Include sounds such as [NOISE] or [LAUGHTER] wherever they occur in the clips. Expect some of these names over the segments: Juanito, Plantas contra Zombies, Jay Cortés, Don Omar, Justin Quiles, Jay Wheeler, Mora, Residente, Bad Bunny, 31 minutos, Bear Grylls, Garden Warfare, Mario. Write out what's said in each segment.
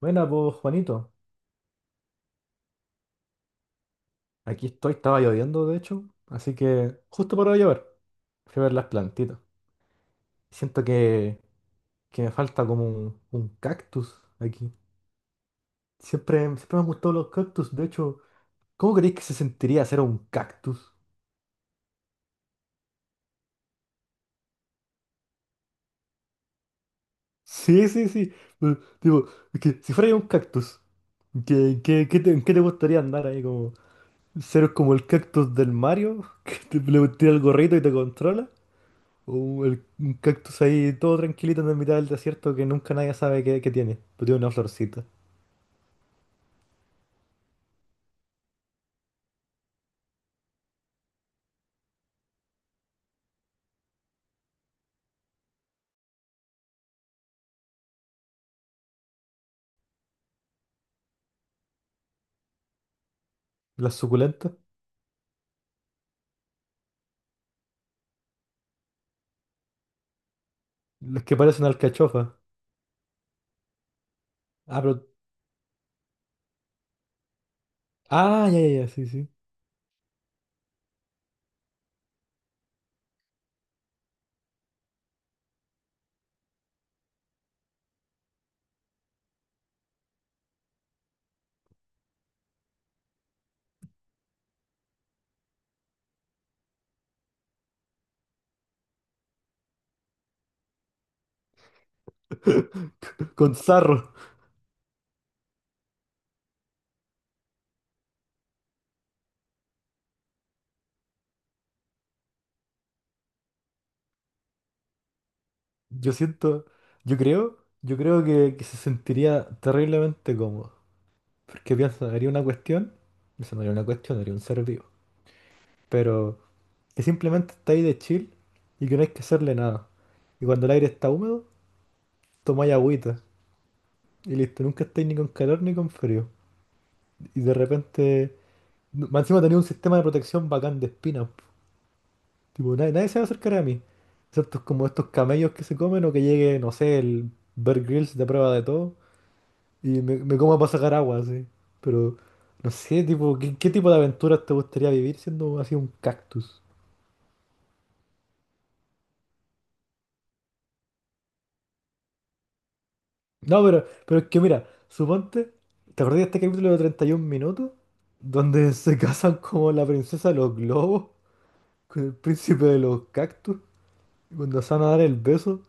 Buena, pues Juanito. Aquí estoy, estaba lloviendo de hecho, así que justo para llover fui a ver las plantitas. Siento que me falta como un cactus aquí. Siempre me han gustado los cactus, de hecho, ¿cómo creéis que se sentiría ser un cactus? Sí, sí, sí. Digo, es que si fuera yo un cactus, qué en qué te gustaría andar ahí como ser como el cactus del Mario, [LAUGHS] que le tira el gorrito y te controla? Un cactus ahí todo tranquilito en la mitad del desierto que nunca nadie sabe qué tiene. Pero tiene una florcita. Las suculentas. Las que parecen alcachofas. Ah, pero... Ah, ya, ya, ya, sí, sí. [LAUGHS] Con sarro. Yo siento... Yo creo... Yo creo que se sentiría terriblemente cómodo. Porque piensa, haría una cuestión. Eso no haría una cuestión, haría un ser vivo. Pero que simplemente está ahí de chill y que no hay que hacerle nada. Y cuando el aire está húmedo, tomáis agüita. Y listo, nunca estáis ni con calor ni con frío. Y de repente. No, más encima tenía un sistema de protección bacán de espinas, po. Tipo, nadie se va a acercar a mí. Excepto como estos camellos que se comen o que llegue, no sé, el Bear Grylls de prueba de todo. Y me coma para sacar agua, así. Pero, no sé, tipo, qué tipo de aventuras te gustaría vivir siendo así un cactus? No, pero es que mira, suponte, ¿te acordás de este capítulo de 31 minutos? Donde [LAUGHS] se casan como la princesa de los globos con el príncipe de los cactus. Y cuando se van a dar el beso,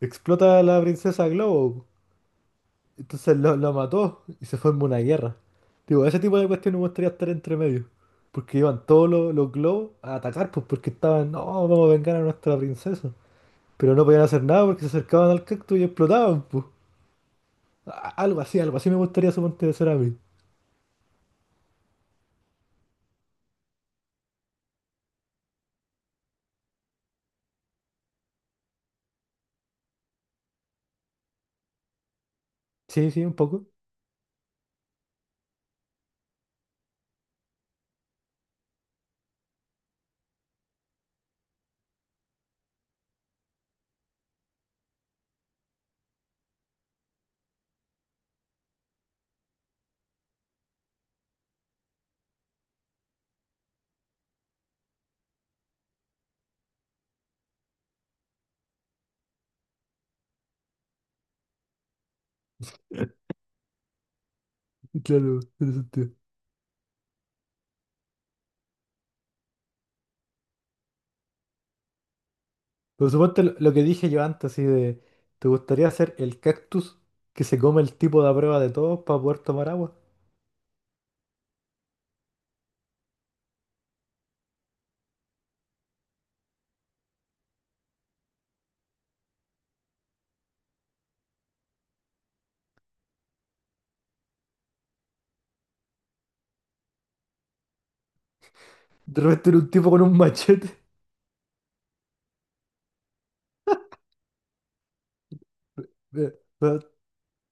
explota a la princesa Globo. Entonces lo mató y se forma una guerra. Digo, ese tipo de cuestiones me gustaría estar entre medio. Porque iban todos los globos a atacar, pues porque estaban, no, vamos a vengar a nuestra princesa. Pero no podían hacer nada porque se acercaban al cactus y explotaban, pues. Algo así me gustaría suponte ser a mí. Sí, sí, un poco. [LAUGHS] Claro, tiene sentido. Pero suponte lo que dije yo antes, así de, ¿te gustaría ser el cactus que se come el tipo de a prueba de todos para poder tomar agua? De repente era un tipo con un machete. Eh, Pero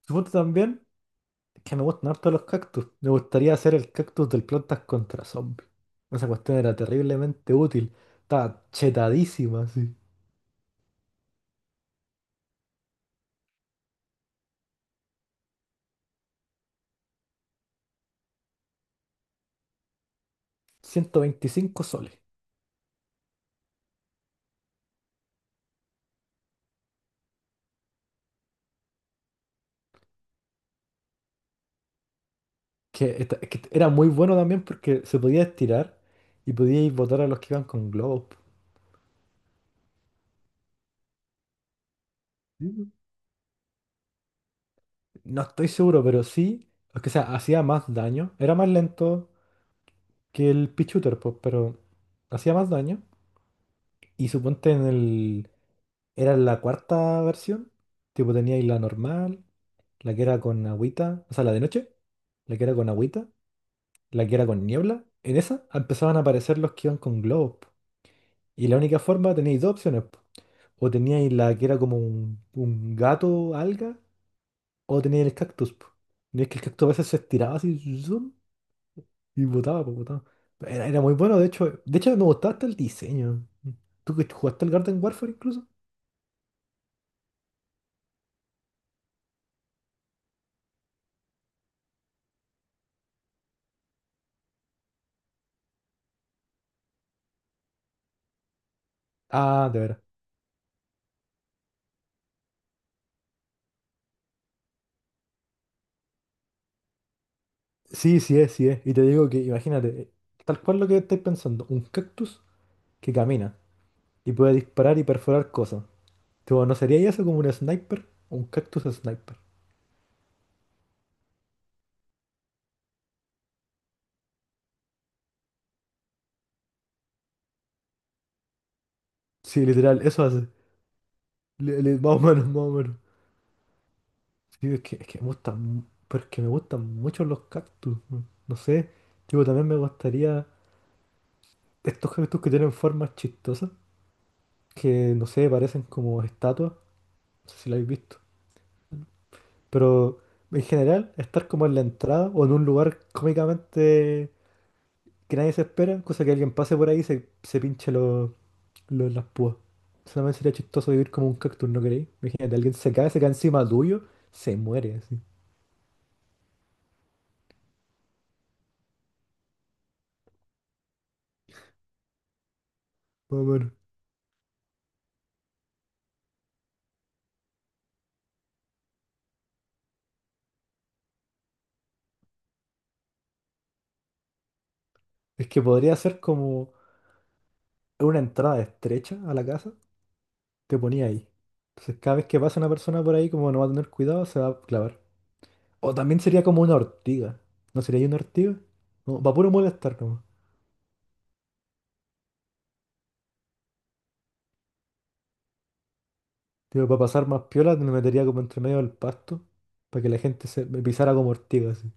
suponte también que me gustan harto los cactus. Me gustaría hacer el cactus del Plantas contra Zombies. Esa cuestión era terriblemente útil. Estaba chetadísima, así. 125 soles. Que, que era muy bueno también porque se podía estirar y podíais botar a los que iban con globos, po. Sí. No estoy seguro, pero sí. O que sea, hacía más daño. Era más lento que el Pichuter, pues, pero hacía más daño. Y suponte en el. Era la cuarta versión. Tipo, teníais la normal, la que era con agüita, o sea, la de noche, la que era con agüita, la que era con niebla. En esa empezaban a aparecer los que iban con globos, po. Y la única forma, teníais dos opciones, po. O teníais la que era como un gato, alga, o teníais el cactus, po. Y es que el cactus a veces se estiraba así zum, y botaba, po, botaba. Era, era muy bueno, de hecho me gustaba hasta el diseño. ¿Tú que jugaste al Garden Warfare incluso? Ah, de veras. Sí, sí es, sí es. Y te digo que, imagínate, tal cual lo que estáis pensando, un cactus que camina y puede disparar y perforar cosas. Tipo, ¿no sería eso como un sniper? Un cactus sniper. Sí, literal, eso hace. Más o menos, más o menos. Sí, es que pero es que me gustan mucho los cactus. No sé, tipo, también me gustaría estos cactus que tienen formas chistosas, que, no sé, parecen como estatuas. No sé si lo habéis visto. Pero... en general, estar como en la entrada o en un lugar cómicamente que nadie se espera, cosa que alguien pase por ahí y se pinche las púas. Solamente sería chistoso vivir como un cactus, ¿no creéis? Imagínate, alguien se cae encima tuyo, se muere así. Más o menos. Es que podría ser como una entrada estrecha a la casa, te ponía ahí. Entonces cada vez que pasa una persona por ahí, como no va a tener cuidado, se va a clavar. O también sería como una ortiga. ¿No sería ahí una ortiga? No, para puro molestar nomás. Tipo, para pasar más piola me metería como entre medio del pasto, para que la gente se me pisara como ortiga así.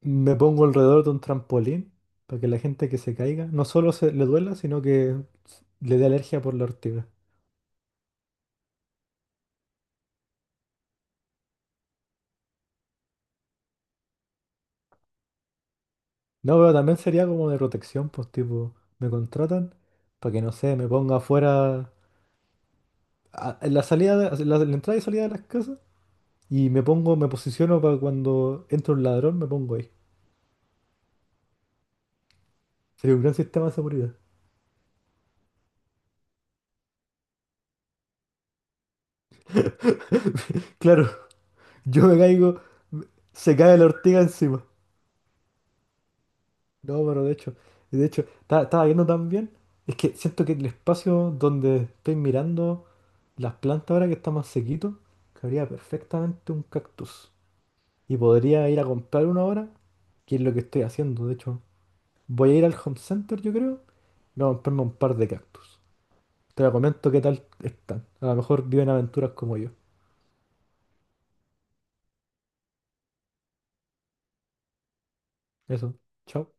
Me pongo alrededor de un trampolín para que la gente que se caiga no solo se le duela, sino que le dé alergia por la ortiga. No, pero también sería como de protección, pues tipo, me contratan para que no sé, me ponga afuera en la salida en en la entrada y salida de las casas y me pongo, me posiciono para cuando entra un ladrón, me pongo ahí. Sería un gran sistema de seguridad. [LAUGHS] Claro, yo me caigo, se cae la ortiga encima. No, pero de hecho, estaba viendo también, es que siento que el espacio donde estoy mirando las plantas ahora que está más sequito, cabría perfectamente un cactus. Y podría ir a comprar uno ahora, que es lo que estoy haciendo. De hecho, voy a ir al Home Center, yo creo, y voy a comprarme un par de cactus. Te lo comento qué tal están. A lo mejor viven aventuras como yo. Eso, chao.